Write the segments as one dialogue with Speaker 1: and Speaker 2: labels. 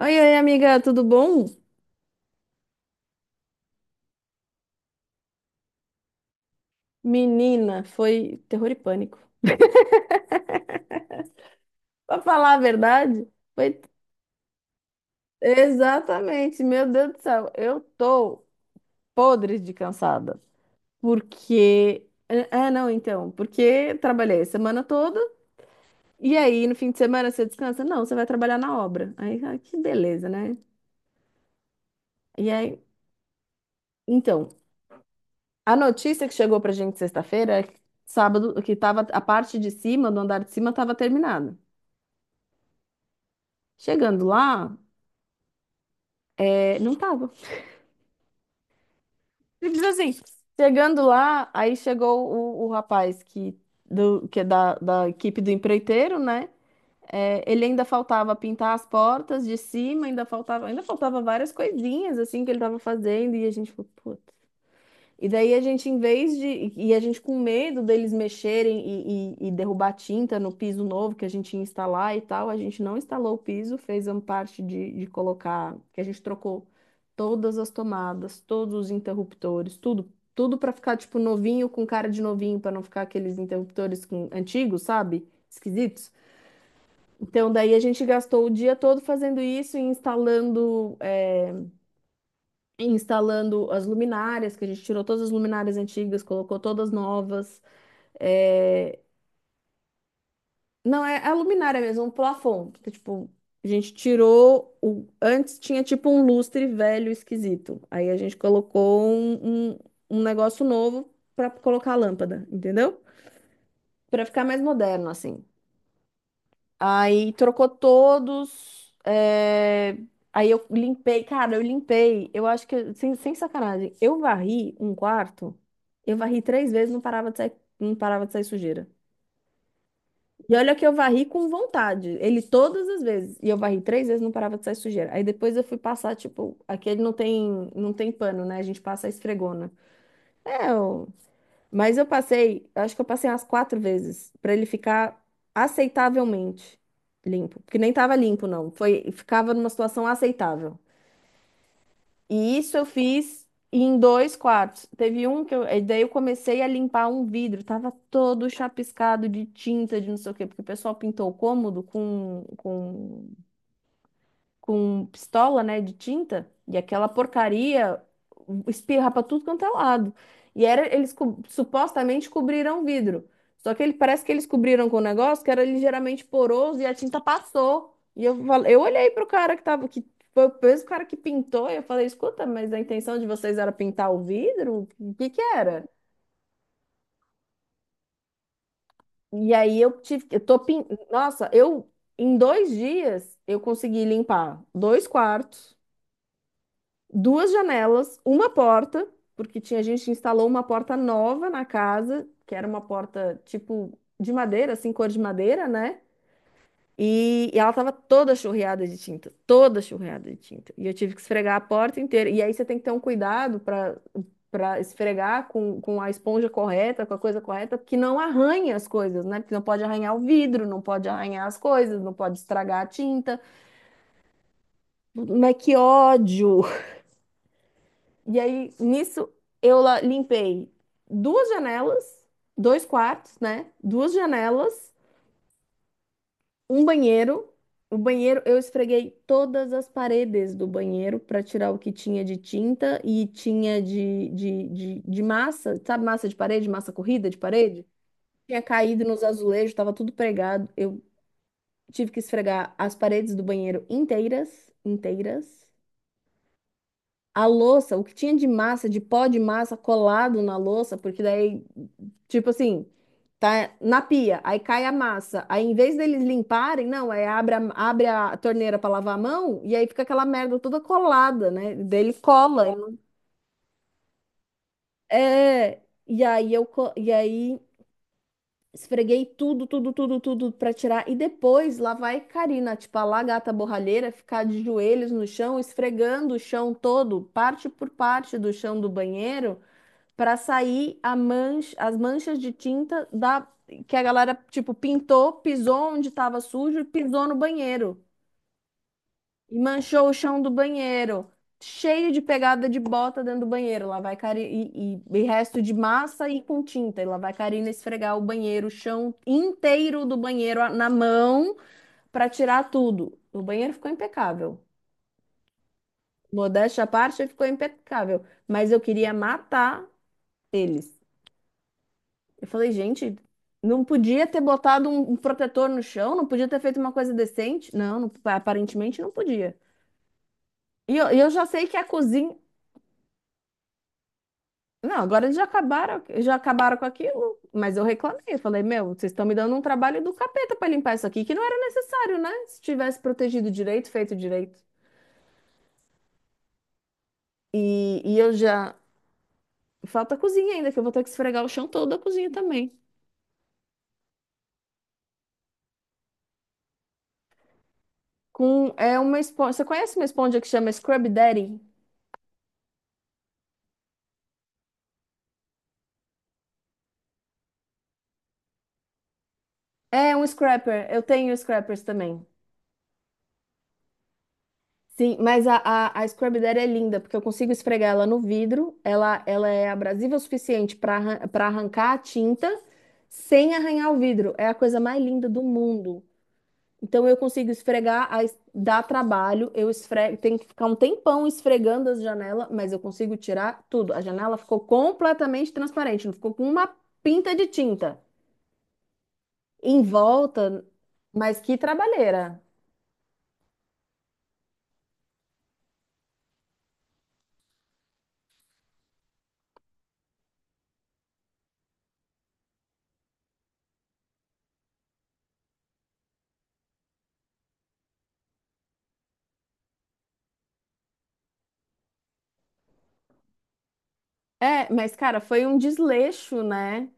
Speaker 1: Oi, oi, amiga, tudo bom? Menina, foi terror e pânico. Pra falar a verdade, foi exatamente, meu Deus do céu, eu tô podre de cansada. Porque. Ah, ah, não, então, porque trabalhei a semana toda e aí no fim de semana você descansa? Não, você vai trabalhar na obra. Aí, ah, que beleza, né? E aí, então, a notícia que chegou pra gente sexta-feira, é que sábado, que tava a parte de cima, do andar de cima, tava terminada. Chegando lá, não tava. Simples assim. Chegando lá, aí chegou o rapaz que, que é da equipe do empreiteiro, né? É, ele ainda faltava pintar as portas de cima, ainda faltava várias coisinhas assim que ele estava fazendo, e a gente falou, pô. E daí a gente, em vez de. E a gente com medo deles mexerem e derrubar tinta no piso novo que a gente ia instalar e tal, a gente não instalou o piso, fez a parte de, colocar, que a gente trocou todas as tomadas, todos os interruptores, tudo. Tudo para ficar, tipo, novinho, com cara de novinho, para não ficar aqueles interruptores antigos, sabe? Esquisitos. Então, daí a gente gastou o dia todo fazendo isso e instalando as luminárias, que a gente tirou todas as luminárias antigas, colocou todas novas. É, Não, é a luminária mesmo, um plafond, que, tipo, a gente tirou Antes tinha tipo um lustre velho esquisito. Aí a gente colocou um negócio novo para colocar a lâmpada, entendeu? Para ficar mais moderno, assim. Aí trocou todos. Aí eu limpei, cara, eu limpei. Eu acho que, sem sacanagem, eu varri um quarto, eu varri três vezes, não parava de sair sujeira. E olha que eu varri com vontade, ele todas as vezes. E eu varri três vezes, não parava de sair sujeira. Aí depois eu fui passar, tipo, aquele não tem pano, né? A gente passa a esfregona. É, mas eu passei, acho que eu passei umas quatro vezes pra ele ficar aceitavelmente limpo, porque nem tava limpo não, foi ficava numa situação aceitável. E isso eu fiz em dois quartos. Teve um que daí eu comecei a limpar um vidro, tava todo chapiscado de tinta, de não sei o quê, porque o pessoal pintou o cômodo com com pistola, né, de tinta, e aquela porcaria espirra para tudo quanto é lado. E era, eles supostamente cobriram o vidro. Só que ele parece que eles cobriram com um negócio que era ligeiramente poroso e a tinta passou. E eu falei, eu olhei pro cara que tava que foi o mesmo cara que pintou, e eu falei, escuta, mas a intenção de vocês era pintar o vidro? O que que era? E aí eu tive, eu tô pin... Nossa, eu em 2 dias eu consegui limpar dois quartos, duas janelas, uma porta, porque tinha a gente instalou uma porta nova na casa, que era uma porta tipo de madeira, assim, cor de madeira, né? E ela tava toda churreada de tinta, toda churreada de tinta. E eu tive que esfregar a porta inteira. E aí você tem que ter um cuidado para esfregar com a esponja correta, com a coisa correta, porque não arranha as coisas, né? Porque não pode arranhar o vidro, não pode arranhar as coisas, não pode estragar a tinta. Mas que ódio! E aí, nisso, eu limpei duas janelas, dois quartos, né? Duas janelas, um banheiro. O banheiro, eu esfreguei todas as paredes do banheiro para tirar o que tinha de tinta e tinha de, de massa, sabe, massa de parede, massa corrida de parede? Tinha caído nos azulejos, estava tudo pregado. Eu tive que esfregar as paredes do banheiro inteiras, inteiras. A louça, o que tinha de massa, de pó de massa colado na louça, porque daí, tipo assim, tá na pia, aí cai a massa. Aí em vez deles limparem, não, é abre a torneira para lavar a mão e aí fica aquela merda toda colada, né? Dele cola. É, e aí esfreguei tudo, tudo, tudo, tudo para tirar e depois lá vai Karina, tipo a lá gata borralheira, ficar de joelhos no chão, esfregando o chão todo, parte por parte do chão do banheiro. Para sair a mancha, as manchas de tinta da que a galera tipo pintou, pisou onde estava sujo, pisou no banheiro e manchou o chão do banheiro, cheio de pegada de bota dentro do banheiro. Lá vai Karina e resto de massa e com tinta. E lá vai Karina esfregar o banheiro, o chão inteiro do banheiro na mão para tirar tudo. O banheiro ficou impecável. Modéstia à parte, ficou impecável, mas eu queria matar eles. Eu falei, gente, não podia ter botado um protetor no chão, não podia ter feito uma coisa decente. Não, aparentemente não podia. E eu já sei que a cozinha. Não, agora eles já acabaram com aquilo, mas eu reclamei. Eu falei, meu, vocês estão me dando um trabalho do capeta para limpar isso aqui, que não era necessário, né? Se tivesse protegido direito, feito direito. E eu já. Falta a cozinha ainda, que eu vou ter que esfregar o chão todo da cozinha também. Com, é uma esponja. Você conhece uma esponja que chama Scrub Daddy? É um scrapper. Eu tenho scrappers também. Sim, mas a Scrub Daddy é linda, porque eu consigo esfregar ela no vidro, ela é abrasiva o suficiente para arrancar a tinta sem arranhar o vidro. É a coisa mais linda do mundo. Então eu consigo esfregar, dá trabalho, eu esfrego, tenho que ficar um tempão esfregando as janelas, mas eu consigo tirar tudo. A janela ficou completamente transparente, não ficou com uma pinta de tinta. Em volta, mas que trabalheira. É, mas cara, foi um desleixo, né?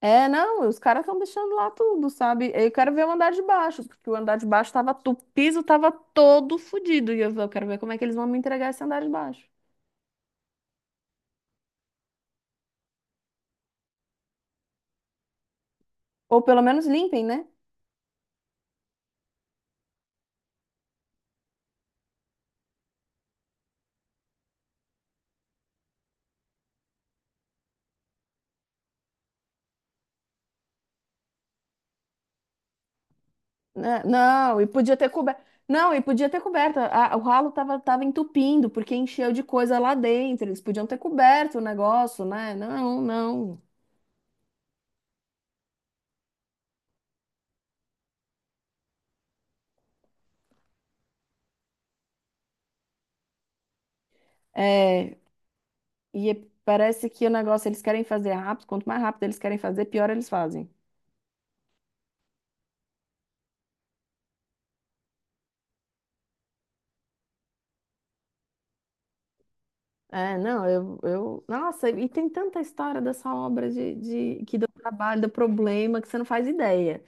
Speaker 1: É, não, os caras estão deixando lá tudo, sabe? Eu quero ver o andar de baixo, porque o andar de baixo tava, o piso tava todo fodido. E eu quero ver como é que eles vão me entregar esse andar de baixo. Ou pelo menos limpem, né? Né? Não, e podia ter coberto. Não, e podia ter coberto. O ralo tava entupindo, porque encheu de coisa lá dentro. Eles podiam ter coberto o negócio, né? Não, não. É, e parece que o negócio eles querem fazer rápido. Quanto mais rápido eles querem fazer, pior eles fazem. É, não, eu, eu. Nossa, e tem tanta história dessa obra de, que deu trabalho, deu problema, que você não faz ideia.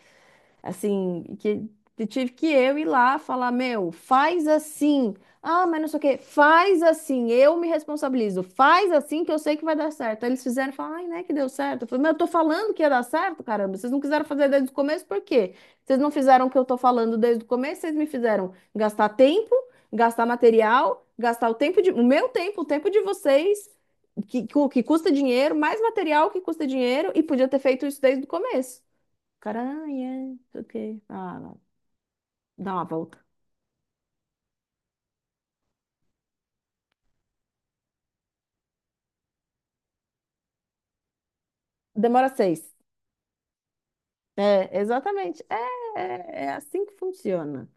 Speaker 1: Assim, que tive que eu ir lá falar, meu, faz assim. Ah, mas não sei o quê. Faz assim, eu me responsabilizo. Faz assim que eu sei que vai dar certo. Aí eles fizeram e falaram, ai, né, que deu certo. Eu falei, mas eu tô falando que ia dar certo, caramba. Vocês não quiseram fazer desde o começo, por quê? Vocês não fizeram o que eu tô falando desde o começo, vocês me fizeram gastar tempo, gastar material, gastar o tempo de, o meu tempo, o tempo de vocês, que, que custa dinheiro, mais material que custa dinheiro, e podia ter feito isso desde o começo. Caranha, ok. Ah, dá uma volta. Demora seis. É, exatamente. É assim que funciona.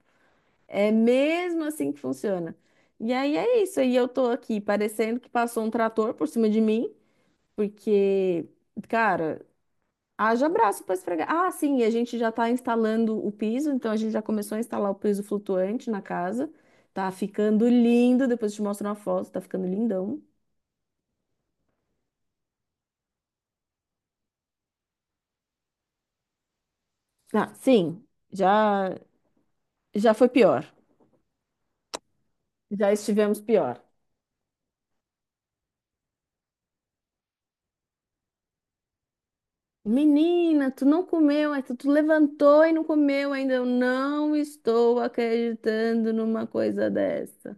Speaker 1: É mesmo assim que funciona. E aí é isso. E eu tô aqui parecendo que passou um trator por cima de mim, porque, cara, haja braço pra esfregar. Ah, sim, e a gente já tá instalando o piso, então a gente já começou a instalar o piso flutuante na casa. Tá ficando lindo. Depois eu te mostro uma foto, tá ficando lindão. Ah, sim, já, já foi pior. Já estivemos pior. Menina, tu não comeu, aí tu levantou e não comeu ainda. Eu não estou acreditando numa coisa dessa.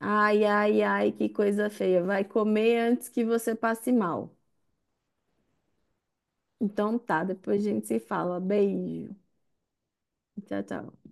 Speaker 1: Ai, ai, ai, que coisa feia. Vai comer antes que você passe mal. Então tá, depois a gente se fala. Beijo. Tchau, tchau.